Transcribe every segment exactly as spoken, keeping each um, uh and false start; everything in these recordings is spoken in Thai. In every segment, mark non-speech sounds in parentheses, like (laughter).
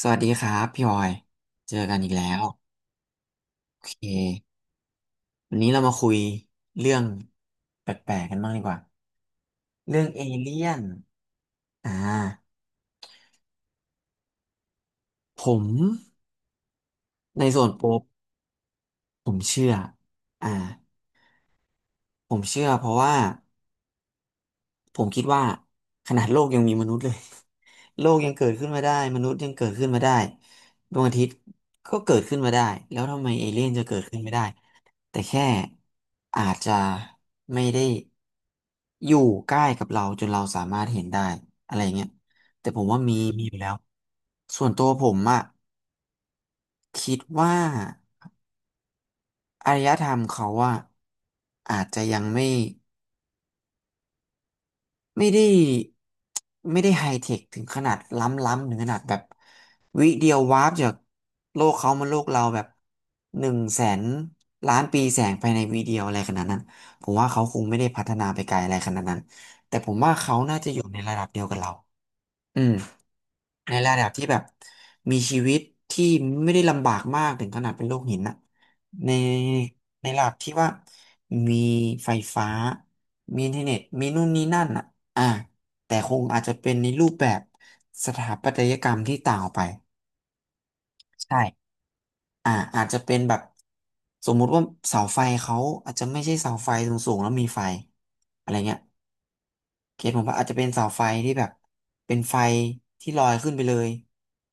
สวัสดีครับพี่ออยเจอกันอีกแล้วโอเควันนี้เรามาคุยเรื่องแปลกๆกันบ้างดีกว่าเรื่องเอเลี่ยนอ่าผมในส่วนโปรผมเชื่ออ่าผมเชื่อเพราะว่าผมคิดว่าขนาดโลกยังมีมนุษย์เลย (laughs) โลกยังเกิดขึ้นมาได้มนุษย์ยังเกิดขึ้นมาได้ดวงอาทิตย์ก็เกิดขึ้นมาได้แล้วทำไมเอเลี่ยนจะเกิดขึ้นไม่ได้ แต่แค่อาจจะไม่ได้อยู่ใกล้กับเราจนเราสามารถเห็นได้อะไรเงี้ยแต่ผมว่ามีมีอยู่แล้วส่วนตัวผมอะคิดว่าอารยธรรมเขาอะอาจจะยังไม่ ไม่ได้ไม่ได้ไฮเทคถึงขนาดล้ำล้ำถึงขนาดแบบวิเดียววาร์ปจากโลกเขามาโลกเราแบบหนึ่งแสนล้านปีแสงภายในวิเดียวอะไรขนาดนั้นผมว่าเขาคงไม่ได้พัฒนาไปไกลอะไรขนาดนั้นแต่ผมว่าเขาน่าจะอยู่ในระดับเดียวกับเราอืม ในระดับที่แบบมีชีวิตที่ไม่ได้ลำบากมากถึงขนาดเป็นโลกหินนะในในระดับที่ว่ามีไฟฟ้ามีอินเทอร์เน็ตมีนู่นนี่นั่นอ่ะอ่าแต่คงอาจจะเป็นในรูปแบบสถาปัตยกรรมที่ต่างออกไปใช่อ่าอาจจะเป็นแบบสมมุติว่าเสาไฟเขาอาจจะไม่ใช่เสาไฟสูงๆแล้วมีไฟอะไรเงี้ย เขตผมว่าอาจจะเป็นเสาไฟที่แบบเป็นไฟที่ลอยขึ้นไปเลย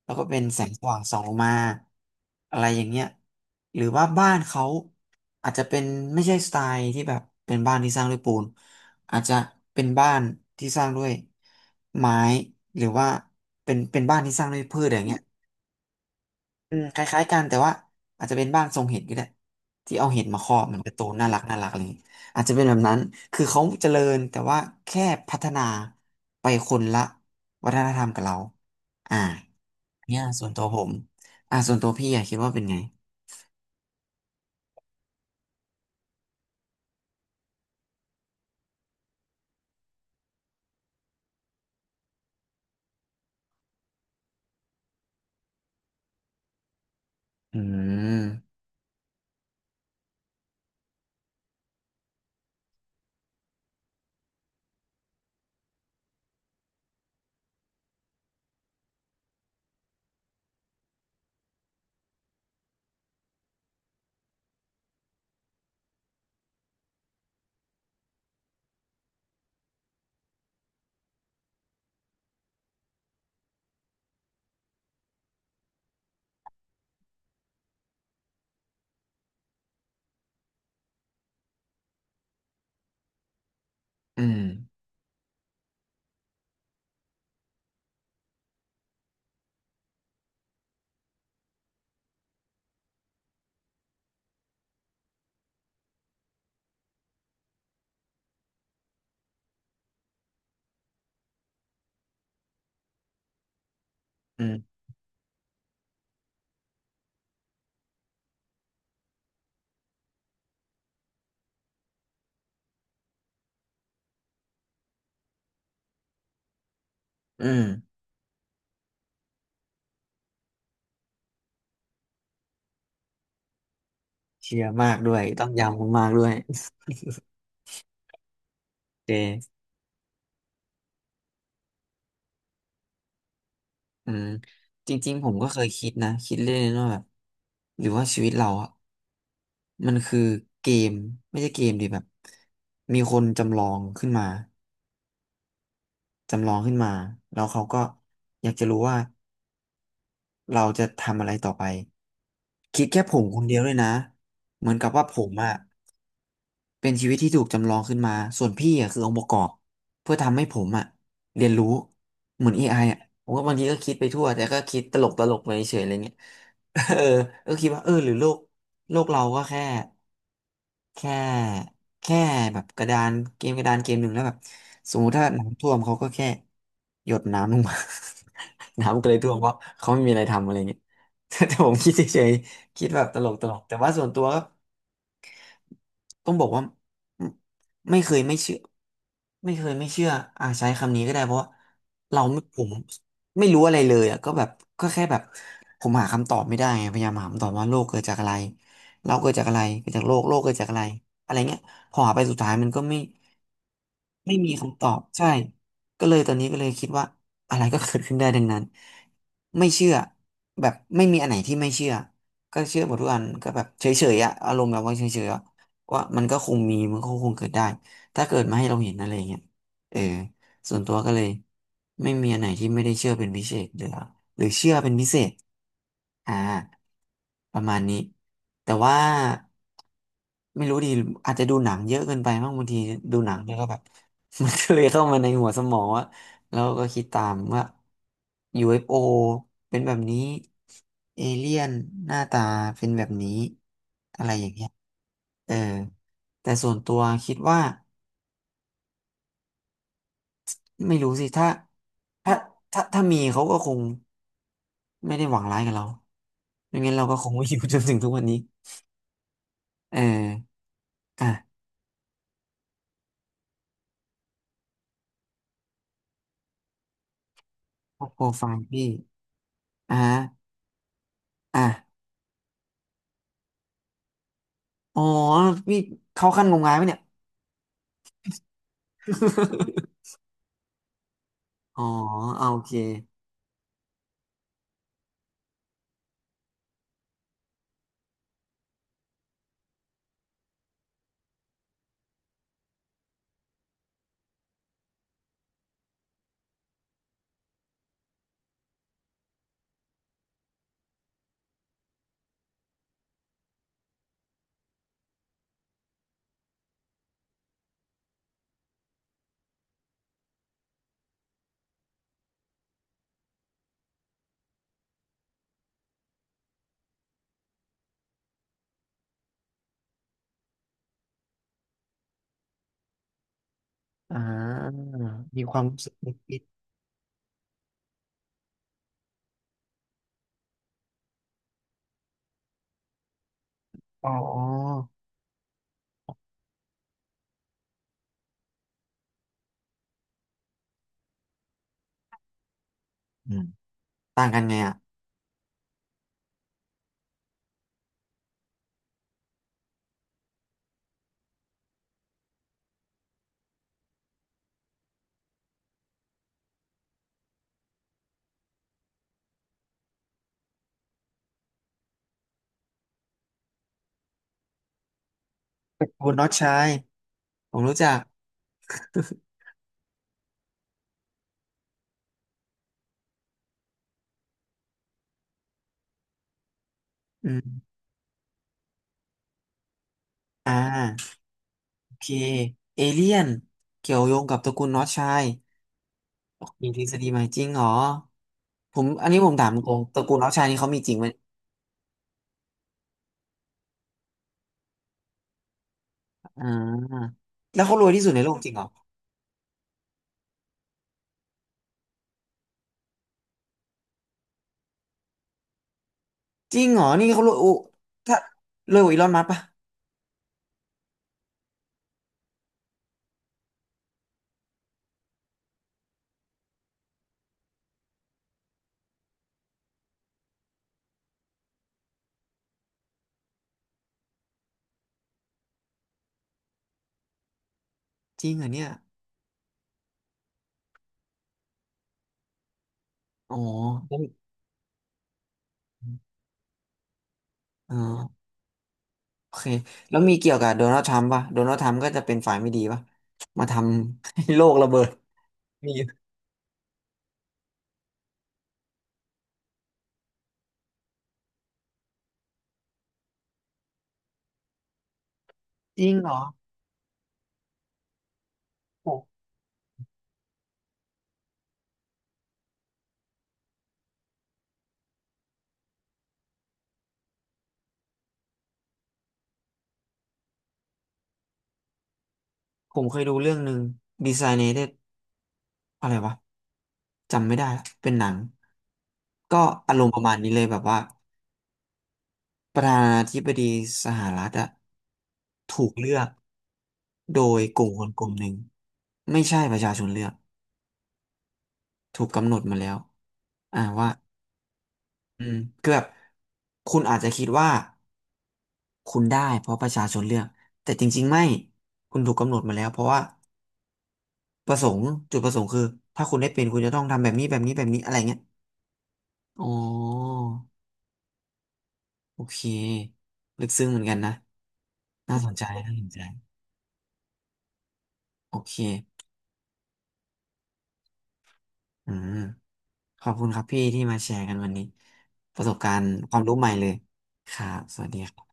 แล้วก็เป็นแสงสว่างส่องลงมาอะไรอย่างเงี้ยหรือว่าบ้านเขาอาจจะเป็นไม่ใช่สไตล์ที่แบบเป็นบ้านที่สร้างด้วยปูนอาจจะเป็นบ้านที่สร้างด้วยไม้หรือว่าเป็นเป็นบ้านที่สร้างด้วยพืชอย่างเงี้ย อืมคล้ายๆกันแต่ว่าอาจจะเป็นบ้านทรงเห็ดก็ได้ที่เอาเห็ดมาครอบเหมือนการ์ตูนน่ารักน่ารักอะไรอย่างงี้อาจจะเป็นแบบนั้นคือเขาเจริญแต่ว่าแค่พัฒนาไปคนละวัฒนธรรมกับเราอ่าเนี่ยส่วนตัวผมอ่าส่วนตัวพี่อะคิดว่าเป็นไงอืมอืมอืมอืมเชียร์มากด้วยต้องยำมากๆด้วยโอเค อืมจริงๆผมก็เคยคิดนะคิดเล่นๆว่าแบบหรือว่าชีวิตเราอะมันคือเกมไม่ใช่เกมดิแบบมีคนจำลองขึ้นมาจำลองขึ้นมาแล้วเขาก็อยากจะรู้ว่า เราจะทำอะไรต่อไปคิดแค่ผมคนเดียวเลยนะเหมือนกับว่าผมอะเป็นชีวิตที่ถูกจำลองขึ้นมาส่วนพี่อะคือองค์ประกอบเพื่อทำให้ผมอะเรียนรู้เหมือน เอ ไอ อไออะผมก็บางทีก็คิดไปทั่วแต่ก็คิดตลกตลกไปเฉยอะไรเงี้ย (laughs) เออก็คิดว่าเออหรือโลกโลกเราก็แค่ แค่แค่แบบกระดานเกมกระดานเกมหนึ่งแล้วแบบสมมติถ้าน้ำท่วมเขาก็แค่หยดน้ำลงมา (laughs) น้ำก็เลยท่วมเพราะเขาไม่มีอะไรทำอะไรเงี้ย (laughs) แต่แต่ผมคิดเฉยๆคิดแบบตลกตลกแต่ว่าส่วนตัว ต้องบอกว่าไม่ไม่เคยไม่เชื่อไม่เคยไม่เชื่ออ่าใช้คำนี้ก็ได้เพราะว่าเราไม่ผมไม่รู้อะไรเลยอ่ะก็แบบก็แค่แบบผมหาคำตอบไม่ได้ไงพยายามหาคำตอบว่าโลกเกิดจากอะไรเราเกิดจากอะไรเกิดจากโลกโลกเกิดจากอะไรอะไรเงี้ยพอหาไปสุดท้ายมันก็ไม่ ไม่มีคำตอบใช่ก็เลยตอนนี้ก็เลยคิดว่าอะไรก็เกิดขึ้นได้ดังนั้นไม่เชื่อแบบไม่มีอันไหนที่ไม่เชื่อก็เชื่อหมดทุกอันก็แบบเฉยๆอะอารมณ์แบบว่าเฉยๆอะว่ามันก็คงมีมันก็คงเกิดได้ถ้าเกิดมาให้เราเห็นอะไรอย่างเงี้ยเออ ส่วนตัวก็เลยไม่มีอันไหนที่ไม่ได้เชื่อเป็นพิเศษหรือหรือเชื่อเป็นพิเศษอ่าประมาณนี้แต่ว่าไม่รู้ดีอาจจะดูหนังเยอะเกินไปมั้งบางทีดูหนังแล้วก็แบบ (laughs) มันก็เลยเข้ามาในหัวสมองว่าแล้วก็คิดตามว่า ยู เอฟ โอ เอฟโอเป็นแบบนี้เอเลี่ยนหน้าตาเป็นแบบนี้อะไรอย่างเงี้ยเออแต่ส่วนตัวคิดว่า ไม่รู้สิถ้าถ้าถ้าถ้ามีเขาก็คงไม่ได้หวังร้ายกับเราไม่งั้นเราก็คงไม่อยู่จนถึงทุกวันนี้เอออ่ะพวกโปรไฟล์พี่อ่ะอ่ะอ๋อพี่เข้าขั้นงมงายไหมเนี่ย (laughs) อ๋อเอาโอเคอ่ามีความรู้สึกนิดๆอ๋ออืมต่างกันไงอ่ะคุณน็อตชายผมรู้จักอืมอ่าโอเคเอเลียนเกี่ยวโยงกับตระกูลน็อตชาย มีทฤษฎีใหม่จริงเหรอผมอันนี้ผมถามตรงตระกูลน็อกชายนี่เขามีจริงไหมอ่าแล้วเขารวยที่สุดในโลกจริงเหรอจริงเหรอนี่เขารวยโอ้ถ้ารวยกว่าอีลอนมัสก์ปะจริงเหรอเนี่ยอ๋อแล้วอ่าโอเคแล้วมีเกี่ยวกับโดนัลด์ทรัมป์ปะโดนัลด์ทรัมป์ก็จะเป็นฝ่ายไม่ดีปะมาทำให้โลกระเบิด (laughs) มีจริงเหรอผมผมเคยดูเรื่องหนึ่ง Designated อะไรวะจำไม่ได้ละเป็นหนังก็อารมณ์ประมาณนี้เลยแบบว่า ประธานาธิบดีสหรัฐอะถูกเลือกโดยกลุ่มคนกลุ่มหนึ่งไม่ใช่ประชาชนเลือกถูกกำหนดมาแล้วอ่าว่าอืมคือแบบคุณอาจจะคิดว่าคุณได้เพราะประชาชนเลือกแต่จริงๆไม่คุณถูกกำหนดมาแล้วเพราะว่าประสงค์จุดประสงค์คือถ้าคุณได้เป็นคุณจะต้องทำแบบนี้แบบนี้แบบนี้อะไรเงี้ยอ๋อโอเคลึกซึ้งเหมือนกันนะน่าสนใจน่าสนใจโอเคอืม ขอบคุณครับพี่ที่มาแชร์กันวันนี้ประสบการณ์ความรู้ใหม่เลยครับสวัสดีครับ